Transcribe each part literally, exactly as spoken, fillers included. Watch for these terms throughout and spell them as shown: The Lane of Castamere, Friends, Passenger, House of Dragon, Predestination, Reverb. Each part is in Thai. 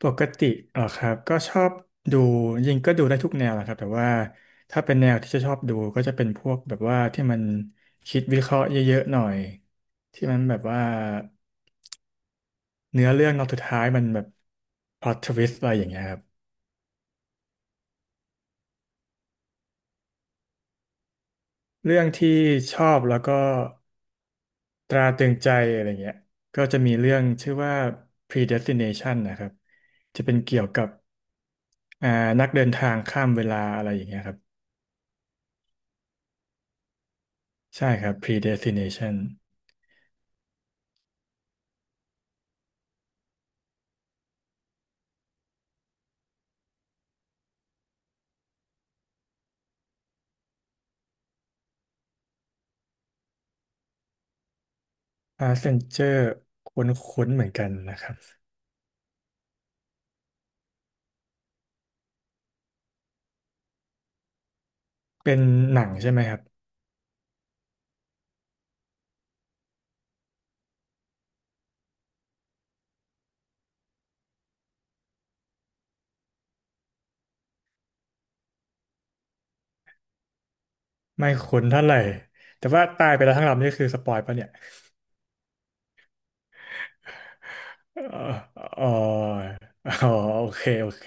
ปกติเหรอครับก็ชอบดูจริงก็ดูได้ทุกแนวแหละครับแต่ว่าถ้าเป็นแนวที่จะชอบดูก็จะเป็นพวกแบบว่าที่มันคิดวิเคราะห์เยอะๆหน่อยที่มันแบบว่าเนื้อเรื่องตอนสุดท้ายมันแบบพล็อตทวิสอะไรอย่างเงี้ยครับเรื่องที่ชอบแล้วก็ตราตรึงใจอะไรเงี้ยก็จะมีเรื่องชื่อว่า Predestination นะครับจะเป็นเกี่ยวกับอ่านักเดินทางข้ามเวลาอะไรอย่างเงี้ยครับใช่ครับ Predestination Passenger คุ้นๆเหมือนกันนะครับเป็นหนังใช่ไหมครับไม่คุ้นเท่าไหร่แต่ว่าตายไปแล้วทั้งลำนี่คือสปอยปะเนี่ยเอออ๋ออ๋อโอเคโอเค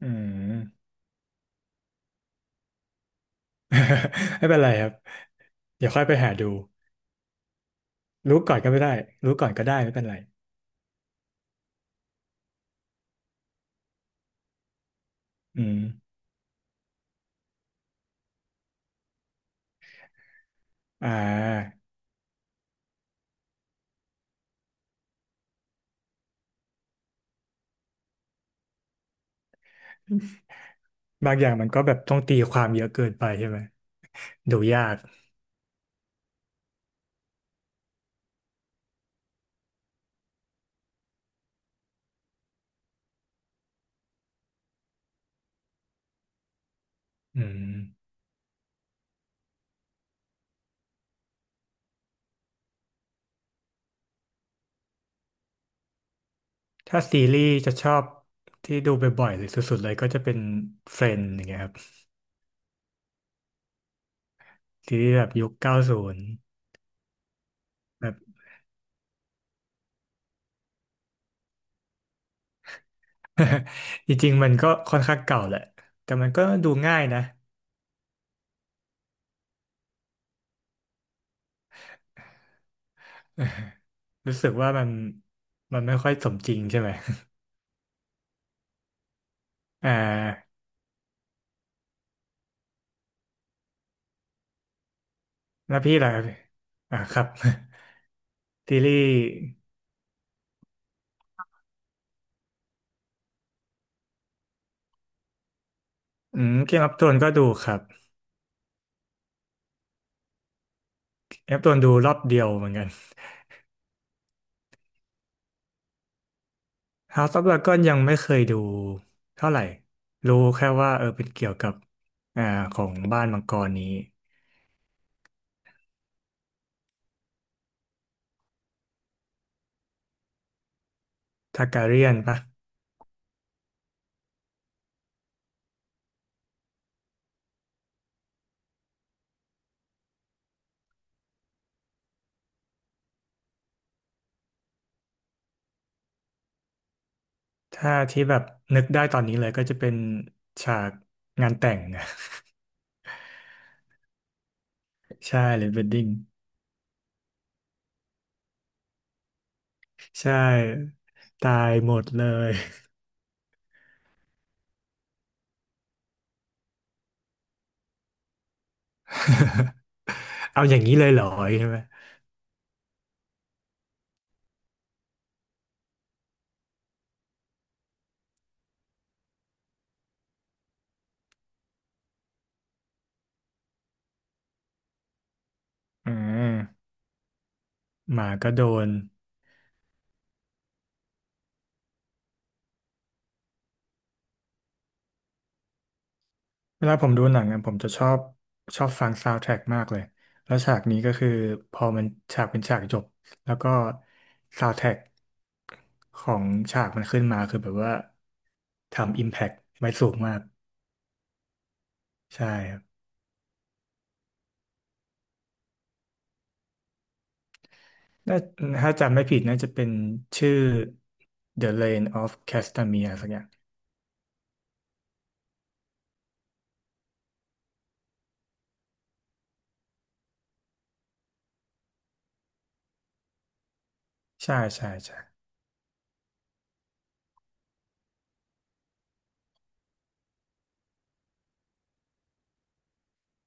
อืม ไม่เป็นไรครับเดี๋ยวค่อยไปหาดูรู้ก่อนก็ไม่ได้รู้ก่อนก็ได้ไม่เป็นไรอืมอ่าบางอย่างมันก็แบบต้องตีความเยอะเกินไปใช่ไหมดูยากอืมถ้าซีรีส์จะชอบที่ดูบ่อยๆหรือสุดๆเลยก็จะเป็น Friends อย่างเงี้ยครับ ซีรีส์แบบยุคเก้าศูนย์แบบ จริงๆมันก็ค่อนข้างเก่าแหละแต่มันก็ดูง่ายนะ รู้สึกว่ามันมันไม่ค่อยสมจริงใช่ไหม อ่าแล้วพี่ล่ะอ่าครับ ซีรีส์อืมเกมอัพโทนก็ดูครับเกมอัพโทนดูรอบเดียวเหมือนกัน House of Dragon ยังไม่เคยดูเท่าไหร่รู้แค่ว่าเออเป็นเกี่ยวกับอ่าของบ้านมังกรนี้ทาการียนปะ ถ้าที่แบบนึกได้ตอนนี้เลยก็จะเป็นฉากงานแต่งนะ ใช่เลยเวดดิ้งใช่ตายหมดเลย เอาอย่างนี้เลยเหรอใช่ไหมอืมหมาก็โดนเวลาผมดูหนังอะผมจะชอบชอบฟังซาว n d แท a ็กมากเลยแล้วฉากนี้ก็คือพอมันฉากเป็นฉากจบแล้วก็ซาว n d แท a ็กของฉากมันขึ้นมาคือแบบว่าทำอิมแพ t ไว้สูงมากใช่ น่าถ้าจำไม่ผิดน่าจะเป็นชื่อ The Lane of Castamere สักอย่างใช่ใช่ใช่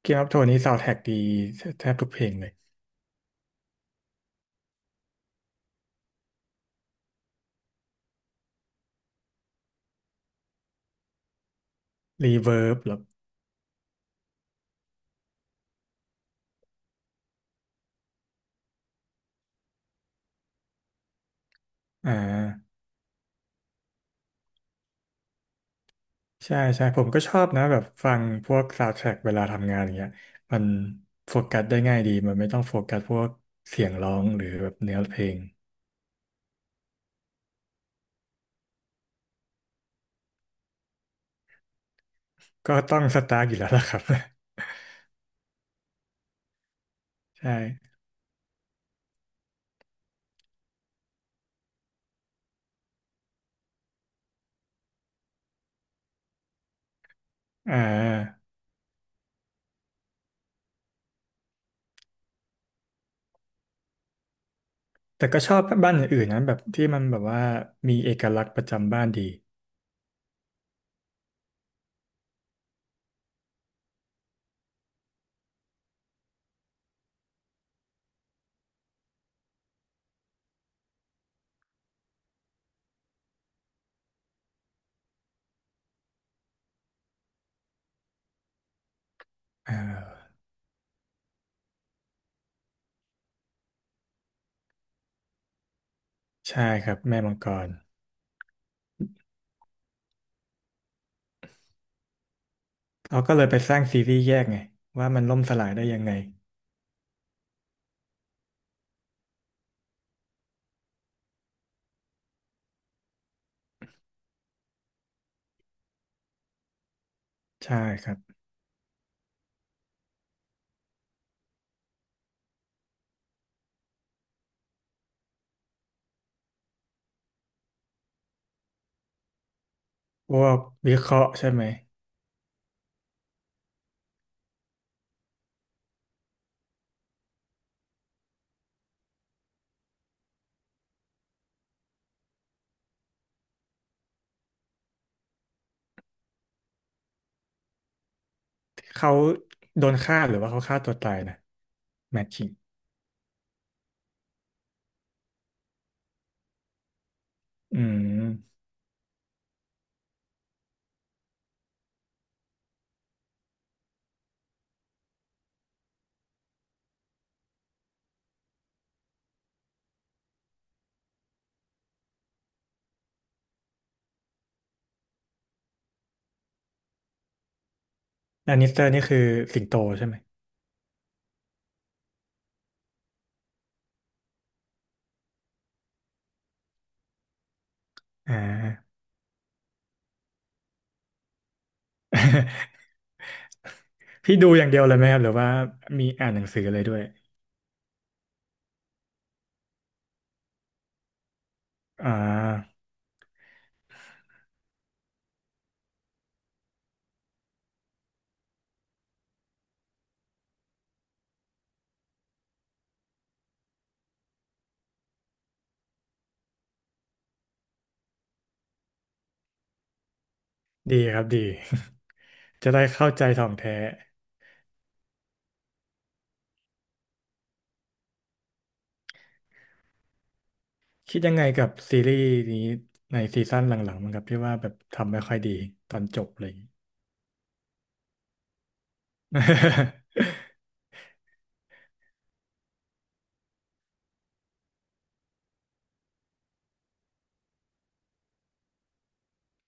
เกมอ of โท r นี้ซาวด์แทร็กดีแทบทุกเพลงเลย Reverb หรออ่าใช่ใช่ผมก็ชอบนะแบบฟังพวกซาวด์แทร็กเวลาทำงานอย่างเงี้ยมันโฟกัสได้ง่ายดี มันไม่ต้องโฟกัสพวกเสียงร้องหรือแบบเนื้อเพลง ก็ต้องสตาร์กอยู่แล้วล่ะครับ ใช่อ่าแต่ก็ชอบบ้านอื่นๆนะแบบที่มันแบบว่ามีเอกลักษณ์ประจำบ้านดีอ่า ใช่ครับแม่มังกรเขาก็เลยไปสร้างซีรีส์แยกไงว่ามันล่มสลายได้ยังไงใช่ครับพวกวิเคราะห์ใช่ไหมเขาโดนฆ่าหรือว่าเขาฆ่าตัวตายนะแมทชิ่งอืมแลนนิสเตอร์นี่คือสิงโตใช่ไหมอ่า พี่ดูอย่างเดียวเลยไหมครับหรือว่ามีอ่านหนังสือเลยด้วยอ่าดีครับดี จะได้เข้าใจท่องแท้คิดยังไงกับซีรีส์นี้ในซีซั่นหลังๆมั้งครับพี่ว่าแบบทำไม่ค่อยดีตอนจบเลย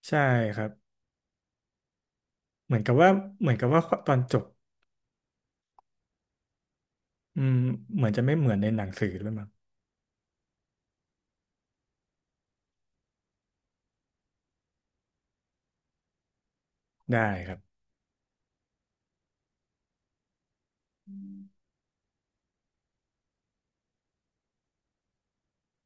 ใช่ครับเหมือนกับว่าเหมือนกับว่าตอนจบอืมเหมือนจะไม่เหมือนในหนังสือด้วยมั้งได้ครับ